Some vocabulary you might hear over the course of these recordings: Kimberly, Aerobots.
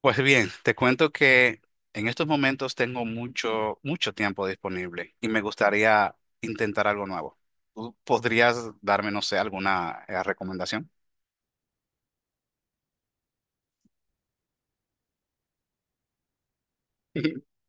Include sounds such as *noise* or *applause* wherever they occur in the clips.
Pues bien, te cuento que en estos momentos tengo mucho, mucho tiempo disponible y me gustaría intentar algo nuevo. ¿Tú podrías darme, no sé, alguna recomendación? *laughs*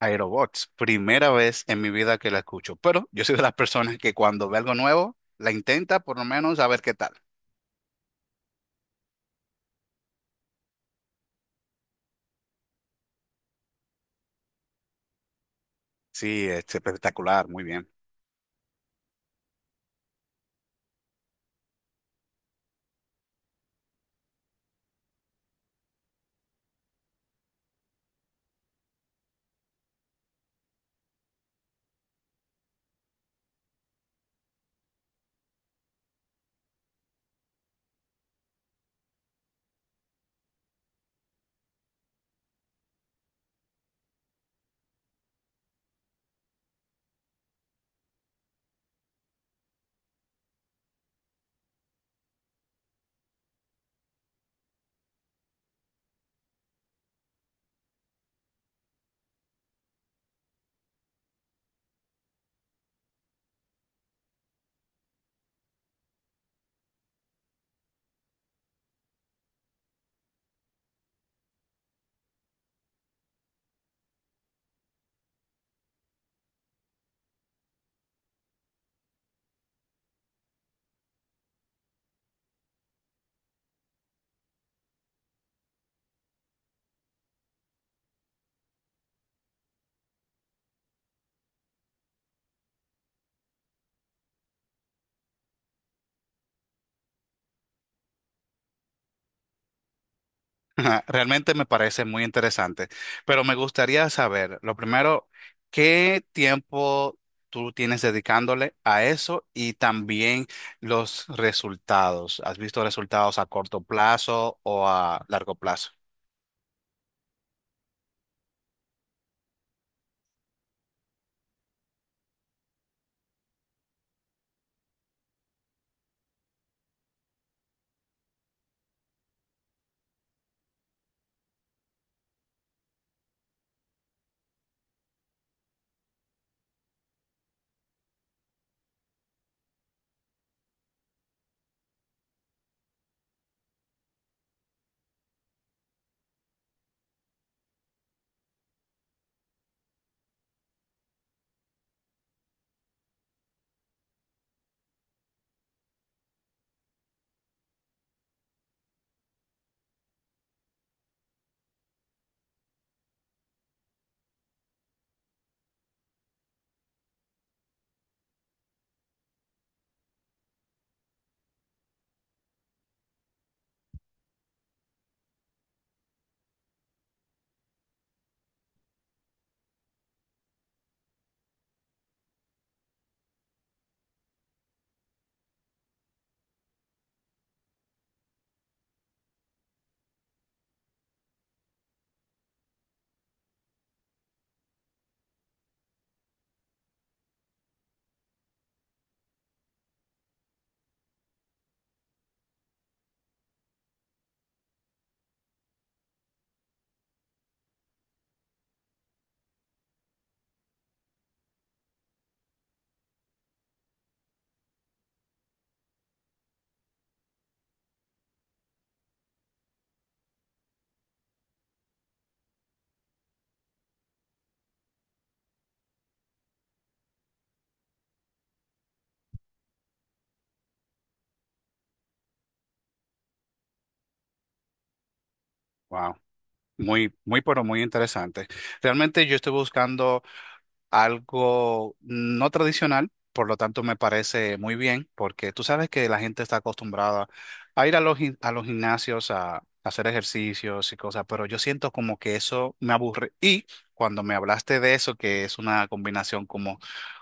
Aerobots, primera vez en mi vida que la escucho, pero yo soy de las personas que cuando ve algo nuevo, la intenta por lo menos a ver qué tal. Sí, es espectacular, muy bien. *laughs* Ajá, realmente me parece muy interesante, pero me gustaría saber, lo primero, ¿qué tiempo tú tienes dedicándole a eso y también los resultados? ¿Has visto resultados a corto plazo o a largo plazo? Wow, muy, muy, pero muy interesante. Realmente yo estoy buscando algo no tradicional, por lo tanto me parece muy bien, porque tú sabes que la gente está acostumbrada a ir a los, a los gimnasios a hacer ejercicios y cosas, pero yo siento como que eso me aburre. Y cuando me hablaste de eso, que es una combinación como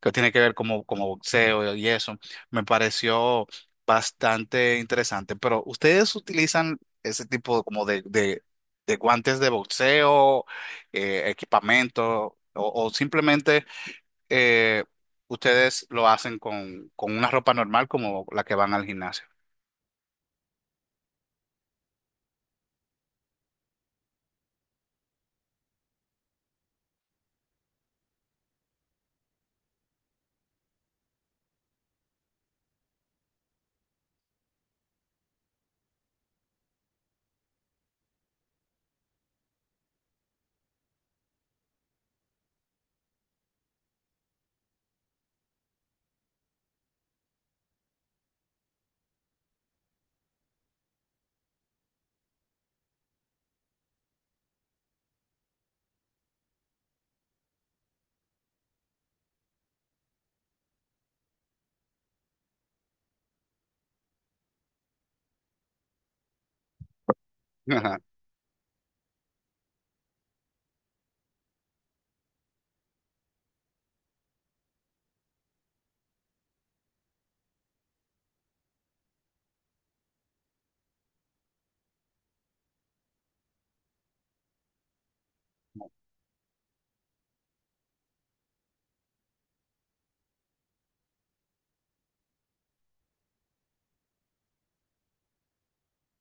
que tiene que ver como, como boxeo y eso, me pareció bastante interesante. Pero ¿ustedes utilizan ese tipo como de guantes de boxeo, equipamiento o simplemente eh, ustedes lo hacen con una ropa normal como la que van al gimnasio? *laughs* Ajá.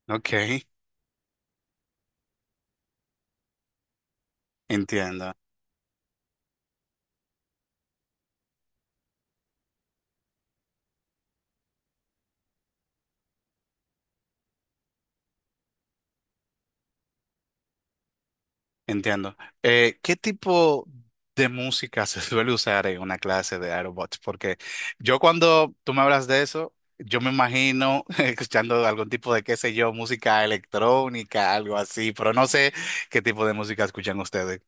Ok, entiendo, entiendo. ¿Qué tipo de música *laughs* se suele usar en una clase de aerobots? Porque yo cuando tú me hablas de eso, yo me imagino *laughs* escuchando algún tipo de, qué sé yo, música electrónica, algo así, pero no sé qué tipo de música escuchan ustedes.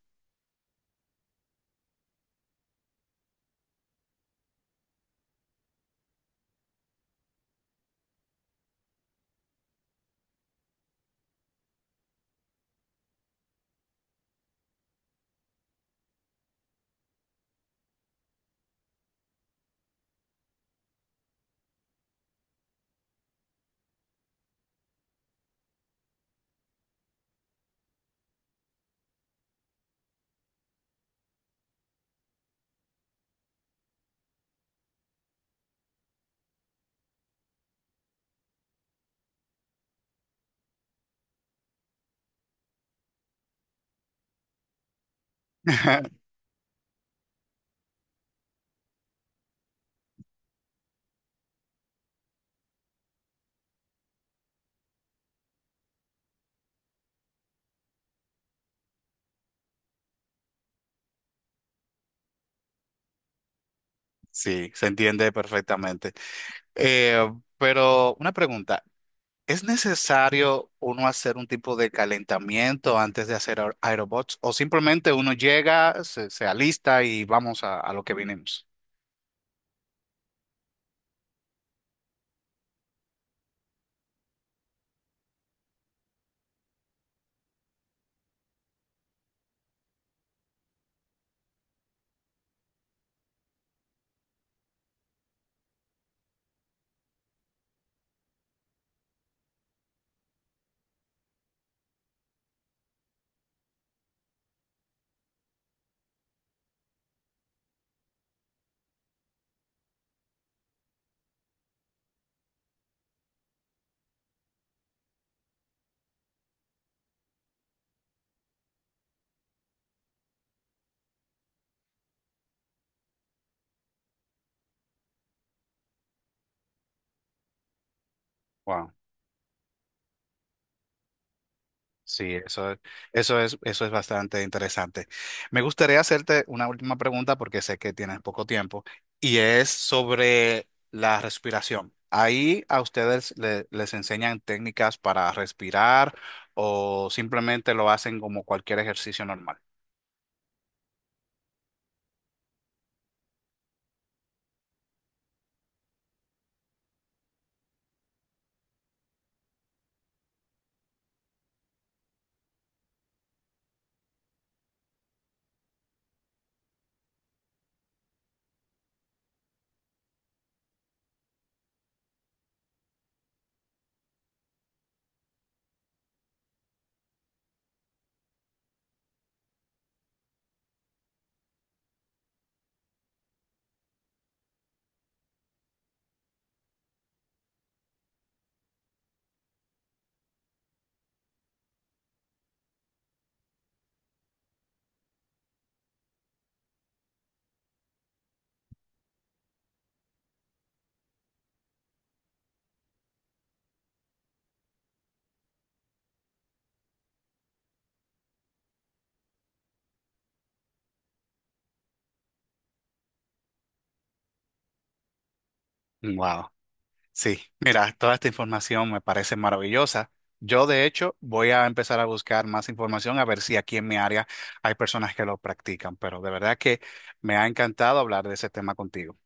*laughs* Sí, se entiende perfectamente. Eh, pero una pregunta. ¿Es necesario uno hacer un tipo de calentamiento antes de hacer aerobots? ¿O simplemente uno llega, se alista y vamos a lo que vinimos? Wow. Sí, eso es bastante interesante. Me gustaría hacerte una última pregunta porque sé que tienes poco tiempo y es sobre la respiración. Ahí a ustedes les enseñan técnicas para respirar o simplemente lo hacen como cualquier ejercicio normal. Wow. Sí, mira, toda esta información me parece maravillosa. Yo, de hecho, voy a empezar a buscar más información a ver si aquí en mi área hay personas que lo practican, pero de verdad que me ha encantado hablar de ese tema contigo.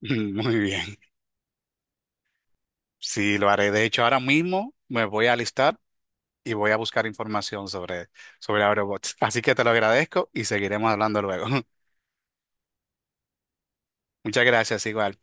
*laughs* Muy bien. Sí, lo haré. De hecho, ahora mismo me voy a alistar y voy a buscar información sobre, sobre Aerobots. Así que te lo agradezco y seguiremos hablando luego. *laughs* Muchas gracias, igual.